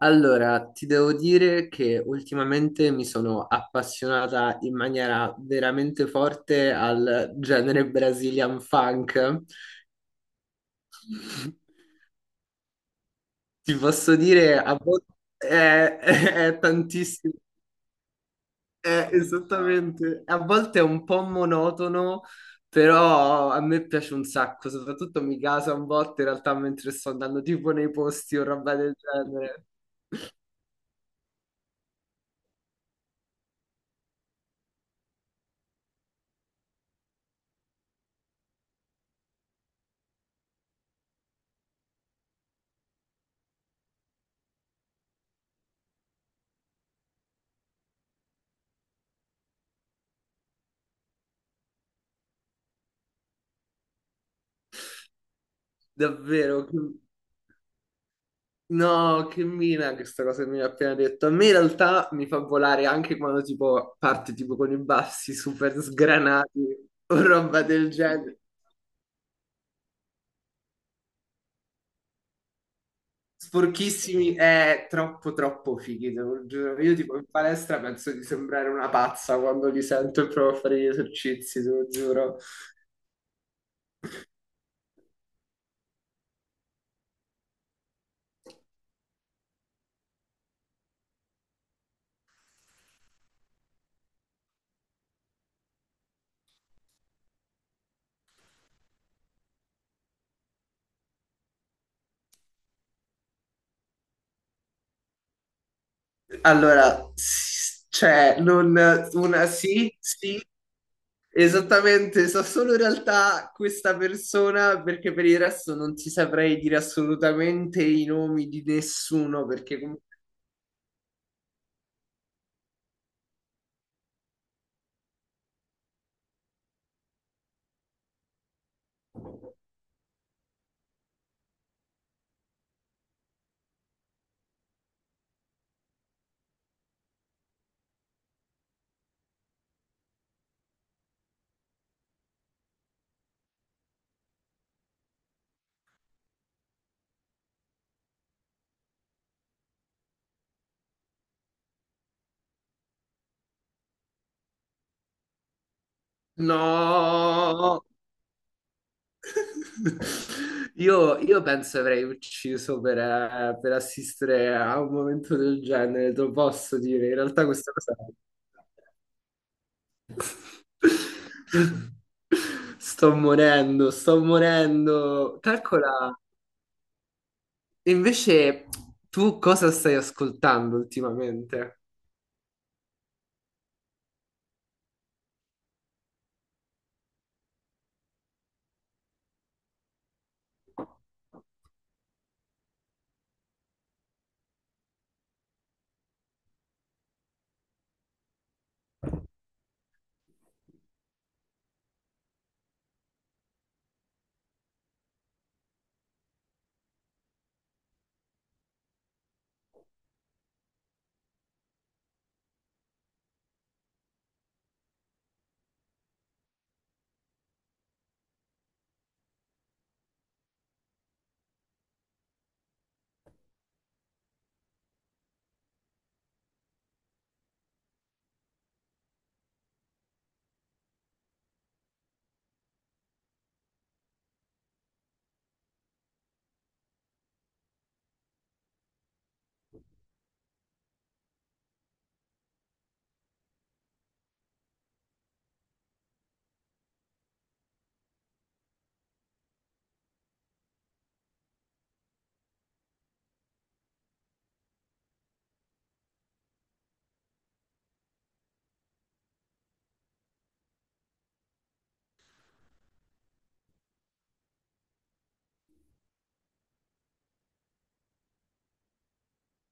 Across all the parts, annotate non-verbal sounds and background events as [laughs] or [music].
Allora, ti devo dire che ultimamente mi sono appassionata in maniera veramente forte al genere Brazilian funk. Ti posso dire, a volte è tantissimo, è esattamente, a volte è un po' monotono, però a me piace un sacco, soprattutto mi casa un botto in realtà mentre sto andando tipo nei posti o roba del genere. Davvero. No, che mina questa cosa che mi hai appena detto. A me in realtà mi fa volare anche quando tipo parte tipo con i bassi super sgranati o roba del genere. Sporchissimi è troppo fighi, te lo giuro. Io tipo in palestra penso di sembrare una pazza quando li sento e provo a fare gli esercizi, te lo giuro. Allora, cioè, non una, sì, sì. Esattamente, so solo in realtà questa persona perché per il resto non ti saprei dire assolutamente i nomi di nessuno perché comunque no. Io penso avrei ucciso per assistere a un momento del genere, te lo posso dire. In realtà questa cosa... [laughs] Sto morendo, sto morendo. Calcola, invece tu cosa stai ascoltando ultimamente?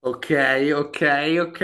Ok, ok, ok.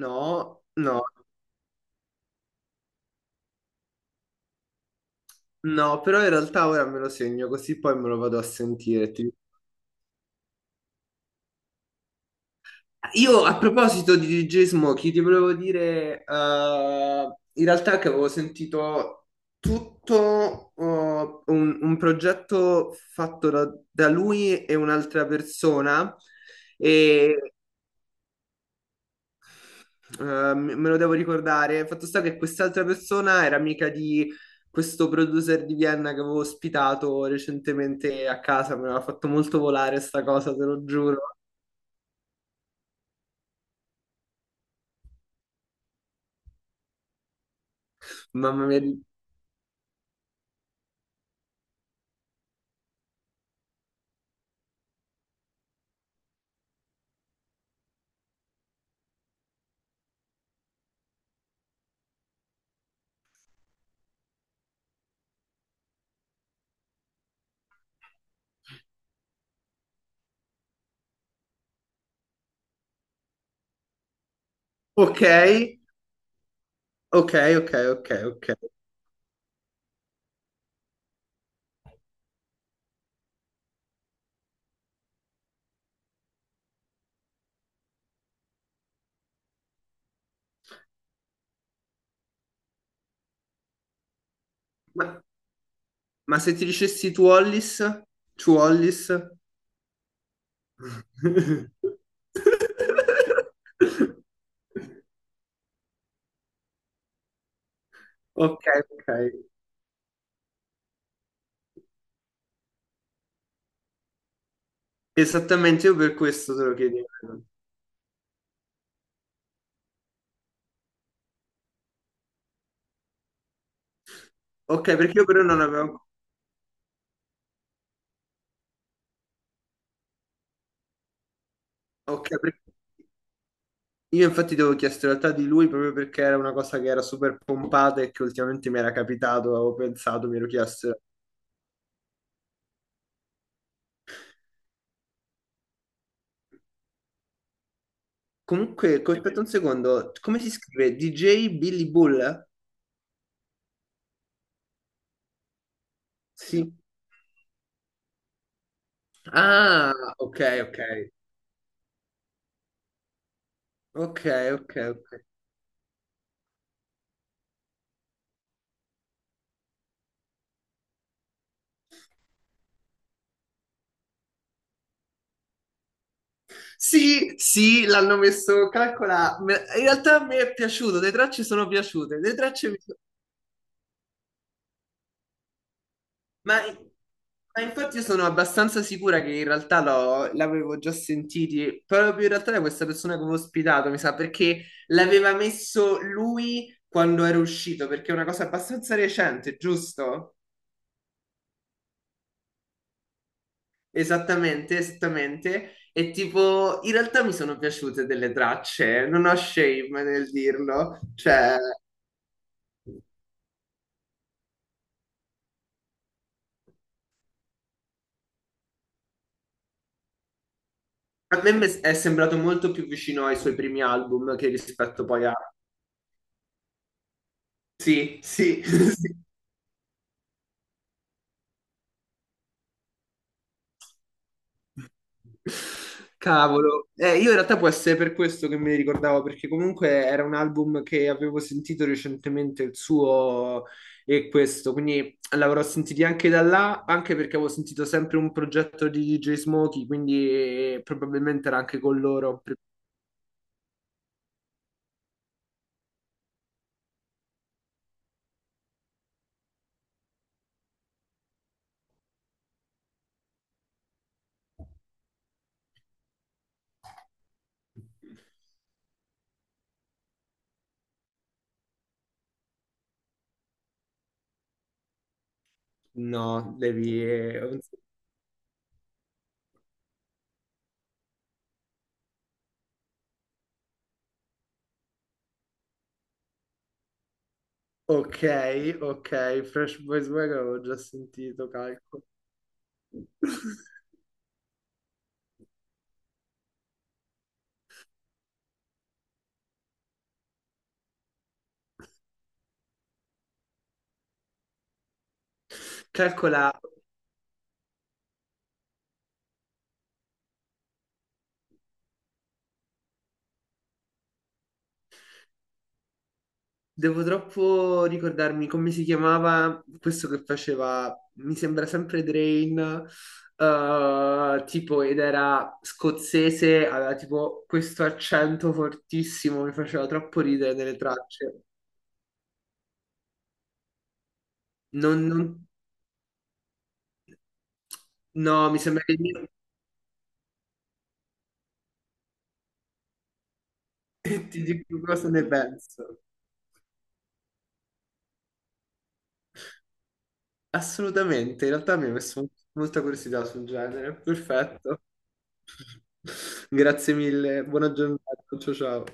No, no, no, però in realtà ora me lo segno così poi me lo vado a sentire. Ti Io a proposito di dirigismo, chi ti volevo dire, in realtà che avevo sentito tutto un progetto fatto da, da lui e un'altra persona e eh, me lo devo ricordare. Fatto sta che quest'altra persona era amica di questo producer di Vienna che avevo ospitato recentemente a casa, mi aveva fatto molto volare sta cosa, te lo giuro. Mamma mia. Ok, ok, ok, ok, ok. Ma, ma se ti dicessi Tu Wallis? Tu Wallis? [laughs] Ok, ok. Esattamente, io per questo te lo chiedevo. Ok, perché io però non avevo... Ok, perché io infatti ti avevo chiesto in realtà di lui proprio perché era una cosa che era super pompata e che ultimamente mi era capitato, avevo pensato, mi ero chiesto. Comunque, aspetta un secondo, come si scrive? DJ Billy Bull? Sì. Ah, ok, ok. Ok, ok, ok. Sì, sì, l'hanno messo, calcola, in realtà a me è piaciuto, le tracce sono piaciute, le tracce mi so- ma, ma infatti io sono abbastanza sicura che in realtà l'avevo già sentiti, proprio in realtà da questa persona che avevo ospitato, mi sa, perché l'aveva messo lui quando era uscito, perché è una cosa abbastanza recente, giusto? Esattamente, esattamente, e tipo, in realtà mi sono piaciute delle tracce, non ho shame nel dirlo, cioè... A me mi è sembrato molto più vicino ai suoi primi album che rispetto poi a... Sì, sì, [laughs] sì. Cavolo. Io in realtà può essere per questo che me ne ricordavo, perché comunque era un album che avevo sentito recentemente, il suo e questo, quindi l'avrò sentito anche da là, anche perché avevo sentito sempre un progetto di DJ Smokey, quindi probabilmente era anche con loro. No, devi... Ok, ok, Fresh Boys Wagon avevo già sentito, calco. [laughs] Calcola, devo troppo ricordarmi come si chiamava questo che faceva, mi sembra sempre Drain, tipo, ed era scozzese, aveva tipo questo accento fortissimo, mi faceva troppo ridere nelle tracce. Non, no, mi sembra che io [laughs] ti dico cosa ne penso. Assolutamente, in realtà mi ha messo molta curiosità sul genere. Perfetto. [laughs] Grazie mille, buona giornata. Ciao ciao.